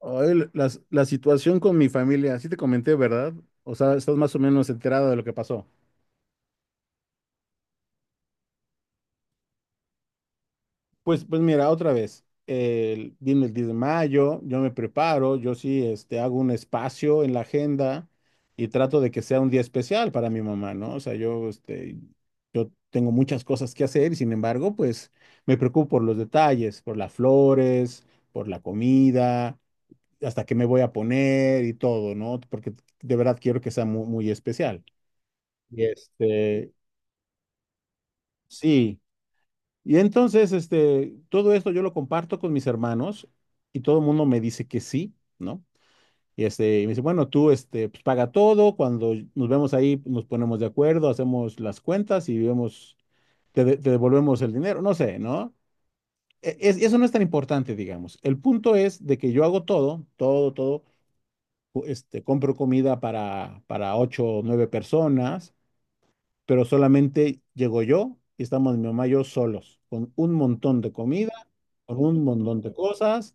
Ay, la situación con mi familia, sí te comenté, ¿verdad? O sea, estás más o menos enterado de lo que pasó. Pues mira, otra vez, viene el 10 de mayo, yo me preparo, yo sí, hago un espacio en la agenda y trato de que sea un día especial para mi mamá, ¿no? O sea, yo, yo tengo muchas cosas que hacer y sin embargo, pues me preocupo por los detalles, por las flores, por la comida, hasta qué me voy a poner y todo, ¿no? Porque de verdad quiero que sea muy especial. Y sí. Y entonces, todo esto yo lo comparto con mis hermanos y todo el mundo me dice que sí, ¿no? Y y me dice, bueno, tú, pues paga todo, cuando nos vemos ahí, pues, nos ponemos de acuerdo, hacemos las cuentas y vemos, te devolvemos el dinero, no sé, ¿no? Eso no es tan importante, digamos. El punto es de que yo hago todo, todo, todo, compro comida para ocho o nueve personas, pero solamente llego yo y estamos mi mamá y yo solos, con un montón de comida, con un montón de cosas,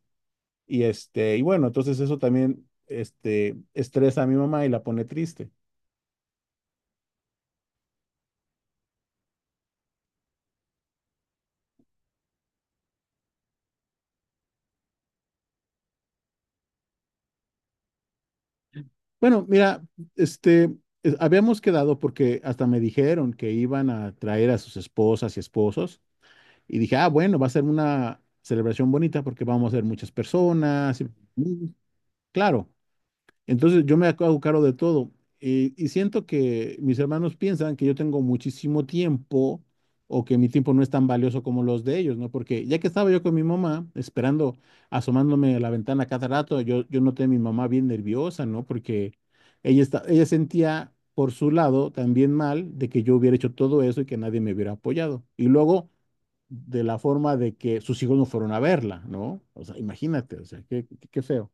y y bueno, entonces eso también, estresa a mi mamá y la pone triste. Bueno, mira, este, habíamos quedado porque hasta me dijeron que iban a traer a sus esposas y esposos, y dije, ah, bueno, va a ser una celebración bonita porque vamos a ser muchas personas. Mm, Claro. Entonces yo me hago cargo de todo. Y siento que mis hermanos piensan que yo tengo muchísimo tiempo o que mi tiempo no es tan valioso como los de ellos, ¿no? Porque ya que estaba yo con mi mamá, esperando, asomándome a la ventana cada rato, yo noté a mi mamá bien nerviosa, ¿no? Porque ella sentía por su lado también mal de que yo hubiera hecho todo eso y que nadie me hubiera apoyado. Y luego de la forma de que sus hijos no fueron a verla, ¿no? O sea, imagínate, o sea, qué, qué feo.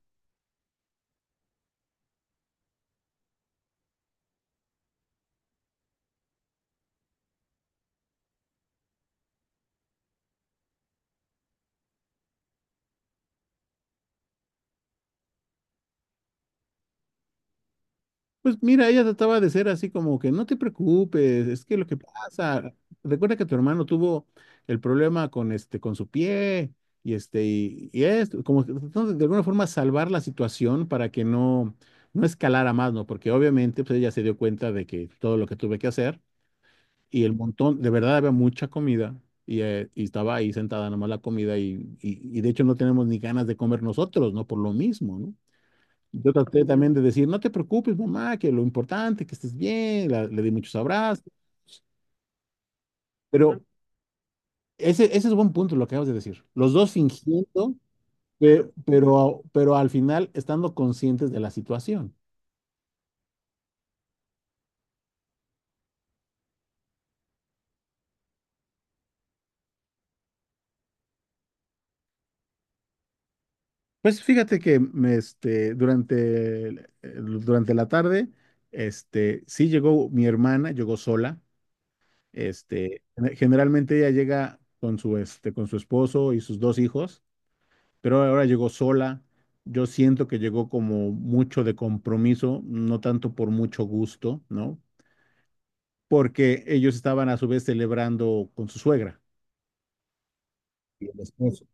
Pues mira, ella trataba de ser así como que no te preocupes, es que lo que pasa, recuerda que tu hermano tuvo el problema con con su pie, y y esto, como que tratando de alguna forma salvar la situación para que no, no escalara más, ¿no? Porque obviamente pues ella se dio cuenta de que todo lo que tuve que hacer, y el montón, de verdad había mucha comida, y estaba ahí sentada nomás la comida, y de hecho no tenemos ni ganas de comer nosotros, ¿no? Por lo mismo, ¿no? Yo traté también de decir, no te preocupes, mamá, que lo importante, que estés bien, le di muchos abrazos. Pero ese es buen punto lo que acabas de decir. Los dos fingiendo, pero, al final estando conscientes de la situación. Pues fíjate que me, este, durante, el- durante la tarde, sí llegó mi hermana, llegó sola. Este, Generalmente ella llega con su, con su esposo y sus dos hijos, pero ahora llegó sola. Yo siento que llegó como mucho de compromiso, no tanto por mucho gusto, ¿no? Porque ellos estaban a su vez celebrando con su suegra. Y el esposo.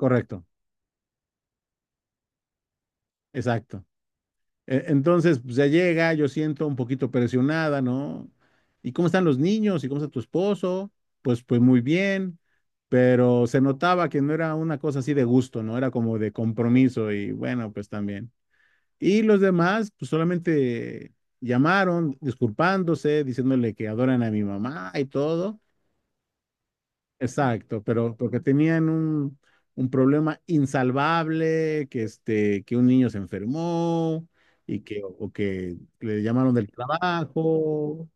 Correcto, exacto. Entonces, pues, ya llega, yo siento un poquito presionada, ¿no? ¿Y cómo están los niños? ¿Y cómo está tu esposo? Pues muy bien, pero se notaba que no era una cosa así de gusto, ¿no? Era como de compromiso y bueno, pues también. Y los demás, pues solamente llamaron, disculpándose, diciéndole que adoran a mi mamá y todo. Exacto, pero porque tenían un problema insalvable, que que un niño se enfermó y que, o que le llamaron del trabajo.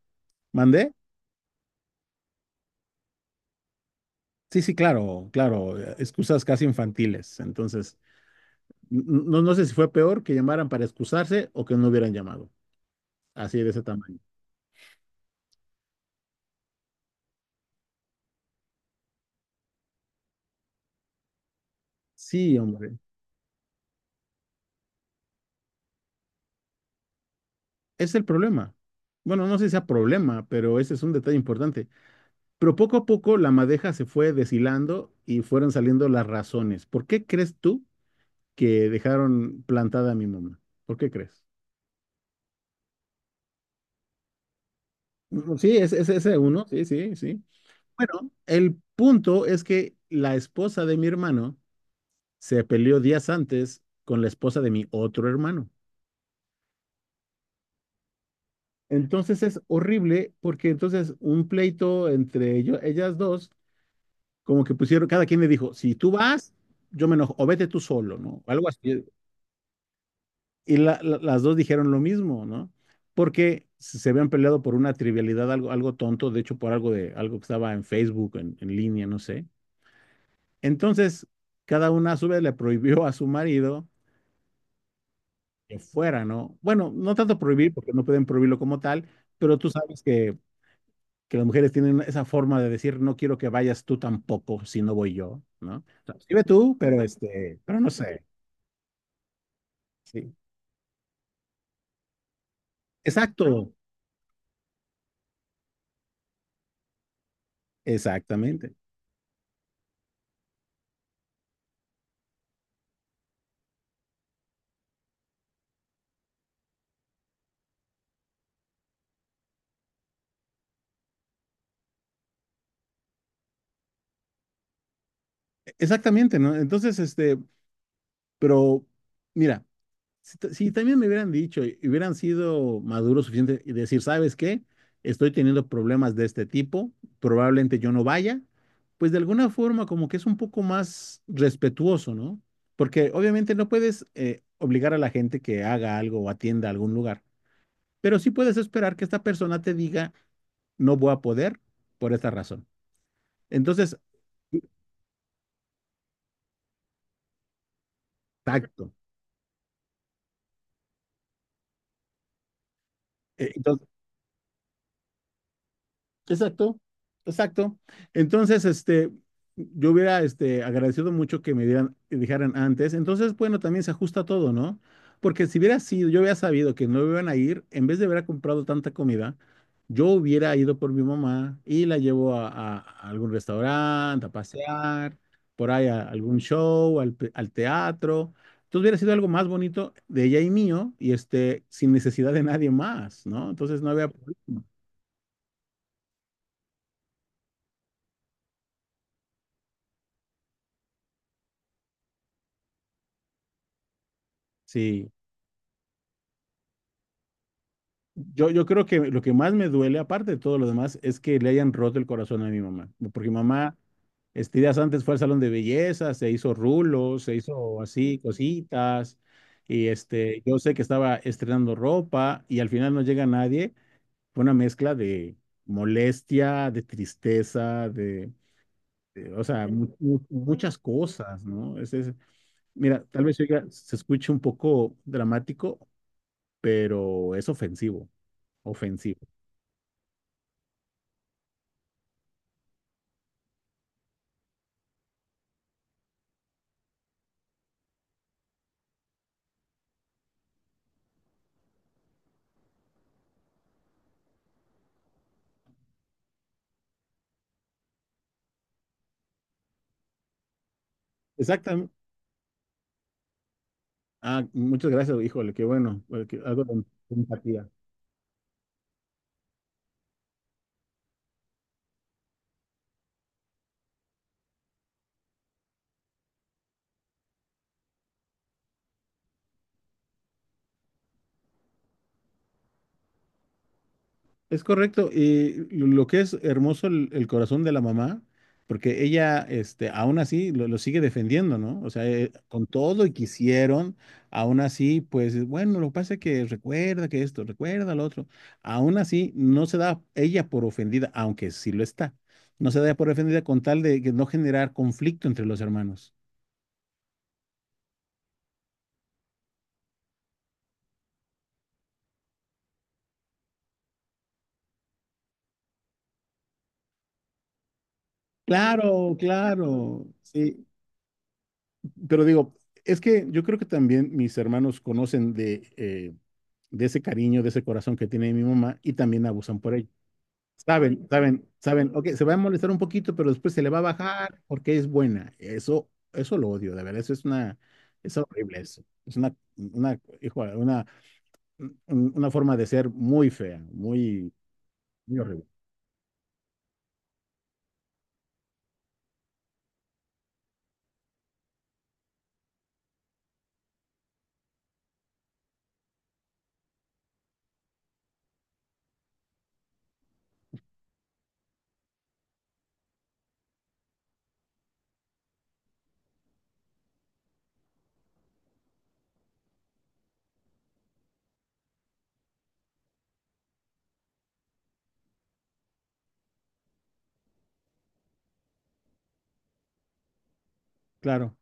¿Mandé? Sí, sí, claro, claro, excusas casi infantiles. Entonces, no sé si fue peor que llamaran para excusarse o que no hubieran llamado, así de ese tamaño. Sí, hombre. Es el problema. Bueno, no sé si sea problema, pero ese es un detalle importante. Pero poco a poco la madeja se fue deshilando y fueron saliendo las razones. ¿Por qué crees tú que dejaron plantada a mi mamá? ¿Por qué crees? Mm, sí, es ese es uno, sí, sí, sí. Bueno, el punto es que la esposa de mi hermano se peleó días antes con la esposa de mi otro hermano. Entonces es horrible porque entonces un pleito entre ellas dos como que pusieron, cada quien le dijo, si tú vas, yo me enojo, o vete tú solo, ¿no? Algo así. Las dos dijeron lo mismo, ¿no? Porque se habían peleado por una trivialidad, algo, algo tonto, de hecho por algo de algo que estaba en Facebook, en línea, no sé. Entonces, cada una a su vez le prohibió a su marido que fuera, ¿no? Bueno, no tanto prohibir, porque no pueden prohibirlo como tal, pero tú sabes que las mujeres tienen esa forma de decir, no quiero que vayas tú tampoco si no voy yo, ¿no? O sea, sí ve tú, pero pero no sé. Sí. Exacto, exactamente, exactamente, ¿no? Entonces, pero mira, si, si también me hubieran dicho y hubieran sido maduros suficiente y decir, ¿sabes qué? Estoy teniendo problemas de este tipo, probablemente yo no vaya, pues de alguna forma como que es un poco más respetuoso, ¿no? Porque obviamente no puedes obligar a la gente que haga algo o atienda algún lugar, pero sí puedes esperar que esta persona te diga, no voy a poder por esta razón. Entonces, exacto. Entonces, exacto, exacto. Entonces, yo hubiera, agradecido mucho que me dieran, que dijeran antes. Entonces, bueno, también se ajusta todo, ¿no? Porque si hubiera sido, yo hubiera sabido que no iban a ir, en vez de haber comprado tanta comida, yo hubiera ido por mi mamá y la llevo a algún restaurante, a pasear, por ahí a algún show, al teatro. Entonces hubiera sido algo más bonito de ella y mío, y sin necesidad de nadie más, ¿no? Entonces no había problema. Sí. Yo creo que lo que más me duele, aparte de todo lo demás, es que le hayan roto el corazón a mi mamá. Porque mi mamá, días antes fue al salón de belleza, se hizo rulos, se hizo así cositas. Y yo sé que estaba estrenando ropa y al final no llega nadie. Fue una mezcla de molestia, de tristeza, o sea, muchas cosas, ¿no? Mira, tal vez oiga, se escuche un poco dramático, pero es ofensivo, ofensivo. Exactamente. Ah, muchas gracias, híjole, qué bueno, que algo de empatía. Es correcto, y lo que es hermoso el corazón de la mamá, porque ella, aún así lo sigue defendiendo, ¿no? O sea, con todo y que hicieron, aún así, pues, bueno, lo que pasa es que recuerda que esto, recuerda lo otro. Aún así, no se da ella por ofendida, aunque sí lo está. No se da por ofendida con tal de que no generar conflicto entre los hermanos. Claro, claro, sí. Pero digo, es que yo creo que también mis hermanos conocen de ese cariño, de ese corazón que tiene mi mamá y también abusan por ello. Saben, saben, saben, ok, se va a molestar un poquito, pero después se le va a bajar porque es buena. Eso lo odio, de verdad, eso es una, es horrible eso. Es una, hijo una, una forma de ser muy fea, muy, muy horrible. Claro.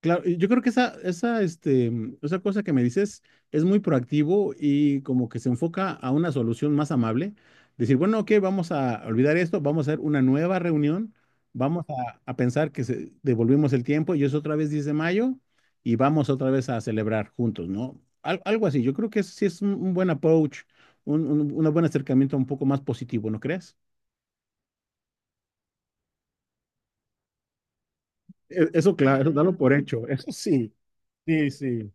Claro, y yo creo que esa, esa cosa que me dices es muy proactivo y como que se enfoca a una solución más amable. Decir, bueno, ok, vamos a olvidar esto, vamos a hacer una nueva reunión, vamos a pensar que devolvimos el tiempo y es otra vez 10 de mayo y vamos otra vez a celebrar juntos, ¿no? Algo así, yo creo que eso sí es un buen approach, un buen acercamiento un poco más positivo, ¿no crees? Eso claro, dalo por hecho, eso sí, sí, sí.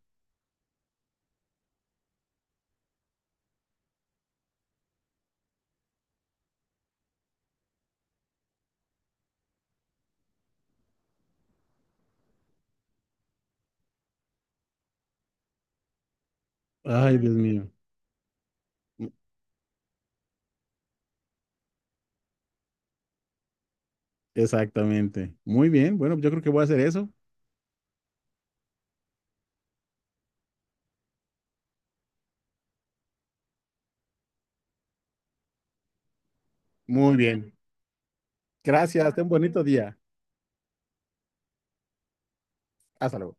Ay, Dios mío. Exactamente. Muy bien. Bueno, yo creo que voy a hacer eso. Muy bien. Gracias. Ten un bonito día. Hasta luego.